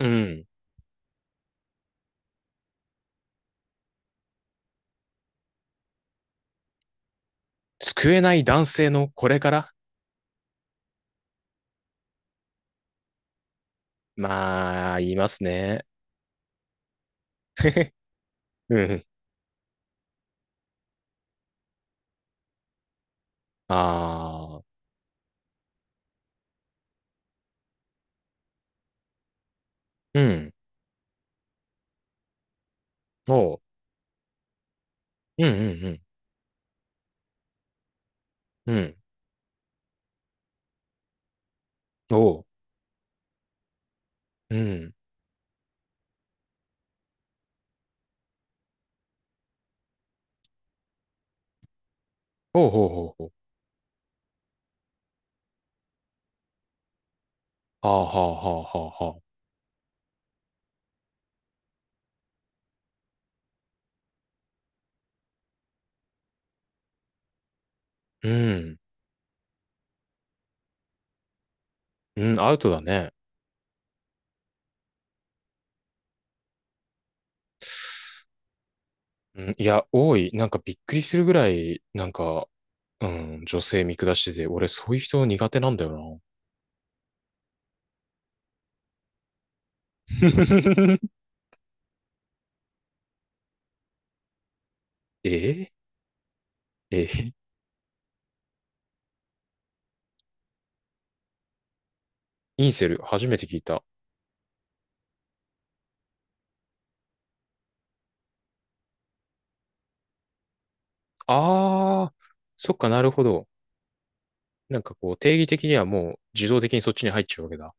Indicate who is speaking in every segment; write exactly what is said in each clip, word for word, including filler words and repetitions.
Speaker 1: うん。救えない男性のこれから。まあ、言いますね。うん。ああ、うん。おう。うんうんうん。うん。おう。うん。おうほうほうほう。はあはあはあはあはあ。うん。うん、アウトだね。うん、いや、多い。なんかびっくりするぐらい、なんか、うん、女性見下してて、俺そういう人苦手なんだよな。えええ。インセル、初めて聞いた。ああ、そっかなるほど。なんかこう、定義的にはもう自動的にそっちに入っちゃうわけだ。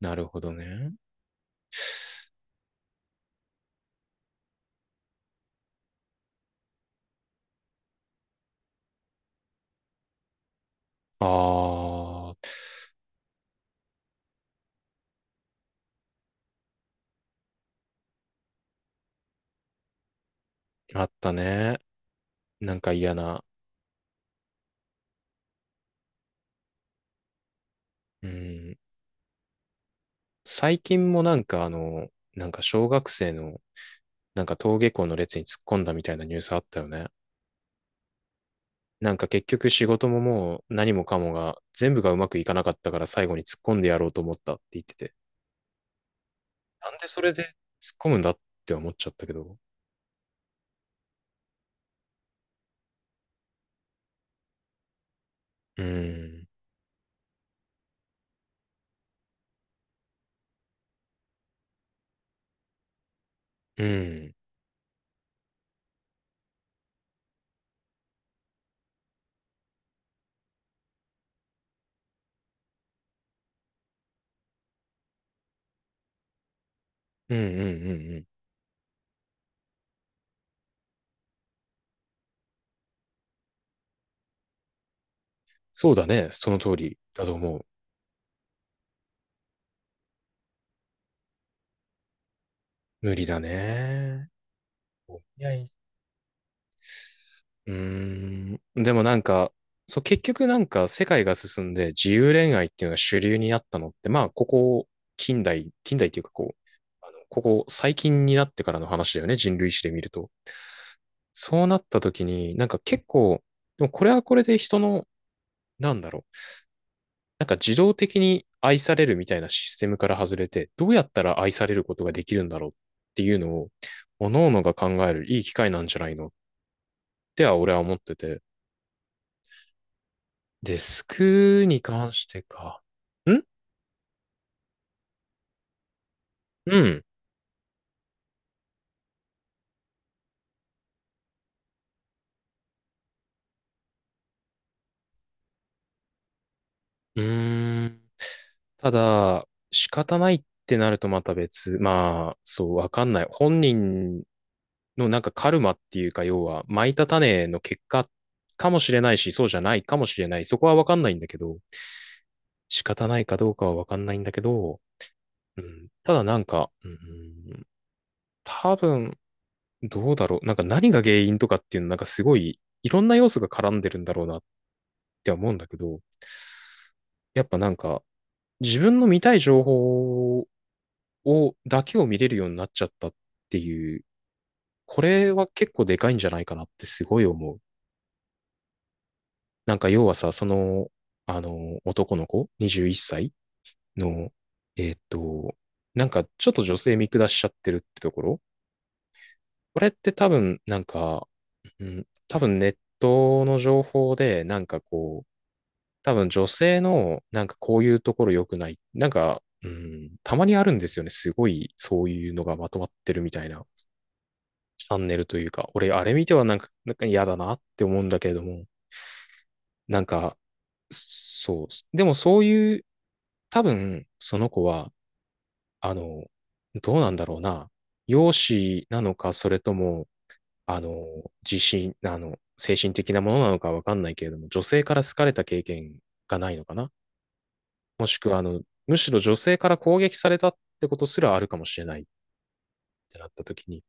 Speaker 1: なるほどね。ああ、あったね。なんか嫌な。うん。最近もなんかあの、なんか小学生の、なんか登下校の列に突っ込んだみたいなニュースあったよね。なんか結局仕事ももう何もかもが全部がうまくいかなかったから最後に突っ込んでやろうと思ったって言ってて。なんでそれで突っ込むんだって思っちゃったけど。うん。うん。うんうんうんうん。そうだね。その通りだと思う。無理だね。いやい。うーん。でもなんか、そう、結局なんか世界が進んで自由恋愛っていうのが主流になったのって、まあ、ここ、近代、近代っていうかこう、あの、ここ最近になってからの話だよね。人類史で見ると。そうなった時に、なんか結構、でもこれはこれで人の、なんだろう。なんか自動的に愛されるみたいなシステムから外れて、どうやったら愛されることができるんだろうっていうのを、各々が考えるいい機会なんじゃないのっては俺は思ってて。デスクに関してか。んうん。うーん。ただ、仕方ないってなるとまた別。まあ、そう、わかんない。本人のなんかカルマっていうか、要は、蒔いた種の結果かもしれないし、そうじゃないかもしれない。そこはわかんないんだけど、仕方ないかどうかはわかんないんだけど、うん、ただなんか、うん、多分、どうだろう。なんか何が原因とかっていうの、なんかすごい、いろんな要素が絡んでるんだろうなって思うんだけど、やっぱなんか、自分の見たい情報を、だけを見れるようになっちゃったっていう、これは結構でかいんじゃないかなってすごい思う。なんか要はさ、その、あの、男の子、にじゅういっさいの、えーっと、なんかちょっと女性見下しちゃってるってところ。これって多分、なんか、うん、多分ネットの情報で、なんかこう、多分女性の、なんかこういうところ良くない。なんか、うん、たまにあるんですよね。すごい、そういうのがまとまってるみたいなチャンネルというか、俺、あれ見てはなんか、なんか嫌だなって思うんだけれども、なんか、そう。でもそういう、多分、その子は、あの、どうなんだろうな。容姿なのか、それとも、あの、自信、あの、精神的なものなのかわかんないけれども、女性から好かれた経験がないのかな。もしくは、あの、むしろ女性から攻撃されたってことすらあるかもしれないってなった時に、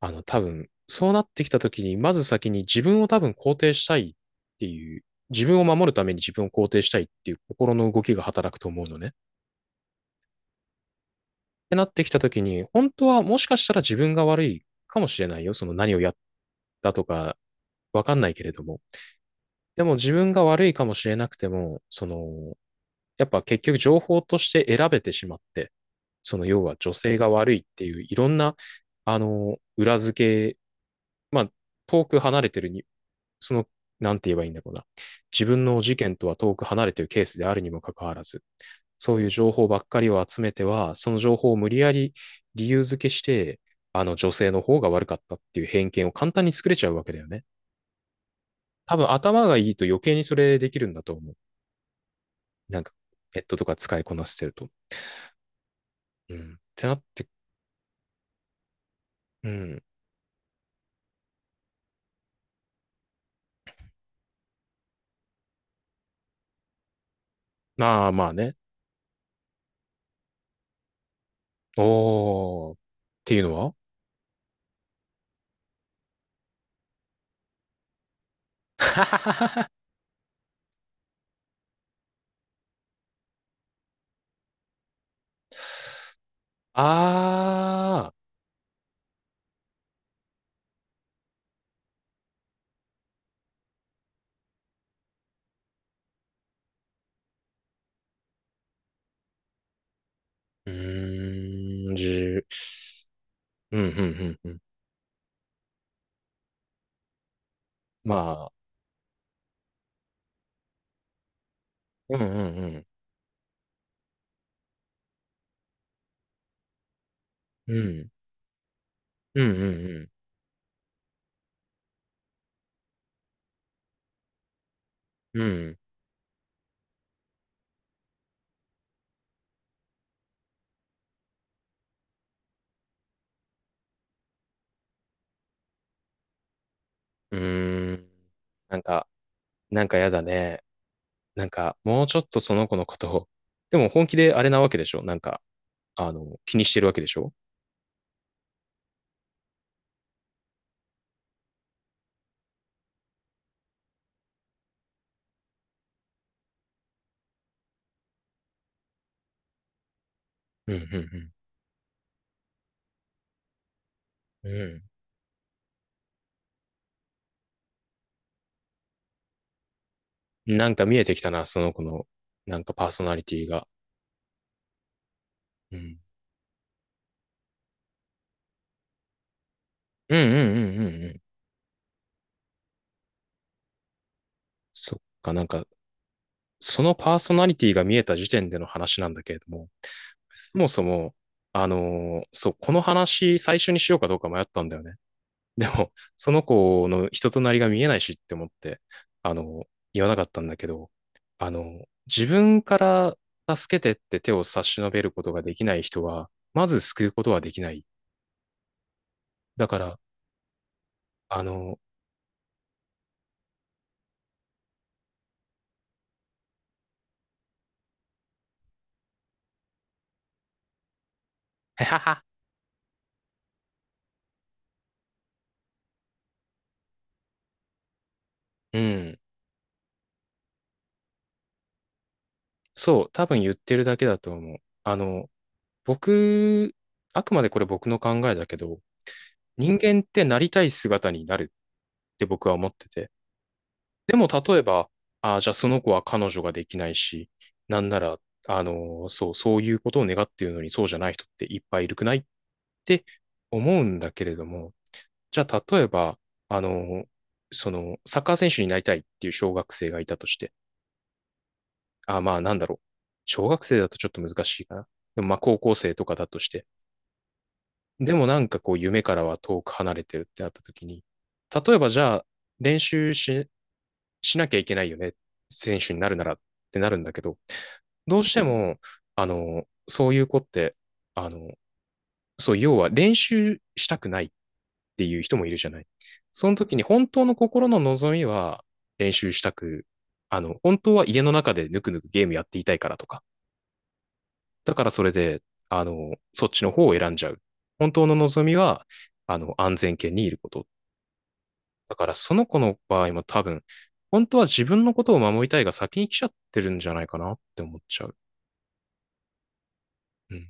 Speaker 1: あの、多分、そうなってきた時に、まず先に自分を多分肯定したいっていう、自分を守るために自分を肯定したいっていう心の動きが働くと思うのね。ってなってきた時に、本当はもしかしたら自分が悪いかもしれないよ。その何をやったとか、わかんないけれども。でも自分が悪いかもしれなくても、その、やっぱ結局情報として選べてしまって、その要は女性が悪いっていういろんな、あの、裏付け、まあ、遠く離れてるに、その、なんて言えばいいんだろうな。自分の事件とは遠く離れてるケースであるにもかかわらず、そういう情報ばっかりを集めては、その情報を無理やり理由付けして、あの女性の方が悪かったっていう偏見を簡単に作れちゃうわけだよね。多分頭がいいと余計にそれできるんだと思う。なんか、ネットとか使いこなしてると。うん。ってなって、うん。まあまあね。おー。っていうのは あー。うーん、じゅ、うん、うん、うん、うん。まあ、うん、うん、うん。うん、うん、うん、うん。うん。うーん。なんか、なんかやだね。なんか、もうちょっとその子のことを。でも本気であれなわけでしょ？なんか、あの、気にしてるわけでしょ？うん、うん、うん。うん。なんか見えてきたな、その子の、なんかパーソナリティが。うん。うんうんうんうんうん。そっか、なんか、そのパーソナリティが見えた時点での話なんだけれども、そもそも、あのーそう、この話最初にしようかどうか迷ったんだよね。でも、その子の人となりが見えないしって思って、あのー言わなかったんだけど、あのー自分から助けてって手を差し伸べることができない人は、まず救うことはできない。だから、あのー、へはは。うん。そう、多分言ってるだけだと思う。あの、僕、あくまでこれ僕の考えだけど、人間ってなりたい姿になるって僕は思ってて。でも例えば、ああ、じゃあその子は彼女ができないし、なんなら、あの、そう、そういうことを願っているのにそうじゃない人っていっぱいいるくないって思うんだけれども、じゃあ例えば、あの、その、サッカー選手になりたいっていう小学生がいたとして、あ、まあなんだろう。小学生だとちょっと難しいかな。でもまあ高校生とかだとして。でもなんかこう夢からは遠く離れてるってなった時に、例えばじゃあ練習し、しなきゃいけないよね。選手になるならってなるんだけど、どうしても、あの、そういう子って、あの、そう、要は練習したくないっていう人もいるじゃない。その時に本当の心の望みは練習したく、あの、本当は家の中でぬくぬくゲームやっていたいからとか、だからそれで、あの、そっちの方を選んじゃう。本当の望みは、あの、安全圏にいること。だからその子の場合も多分、本当は自分のことを守りたいが先に来ちゃってるんじゃないかなって思っちゃう。うん。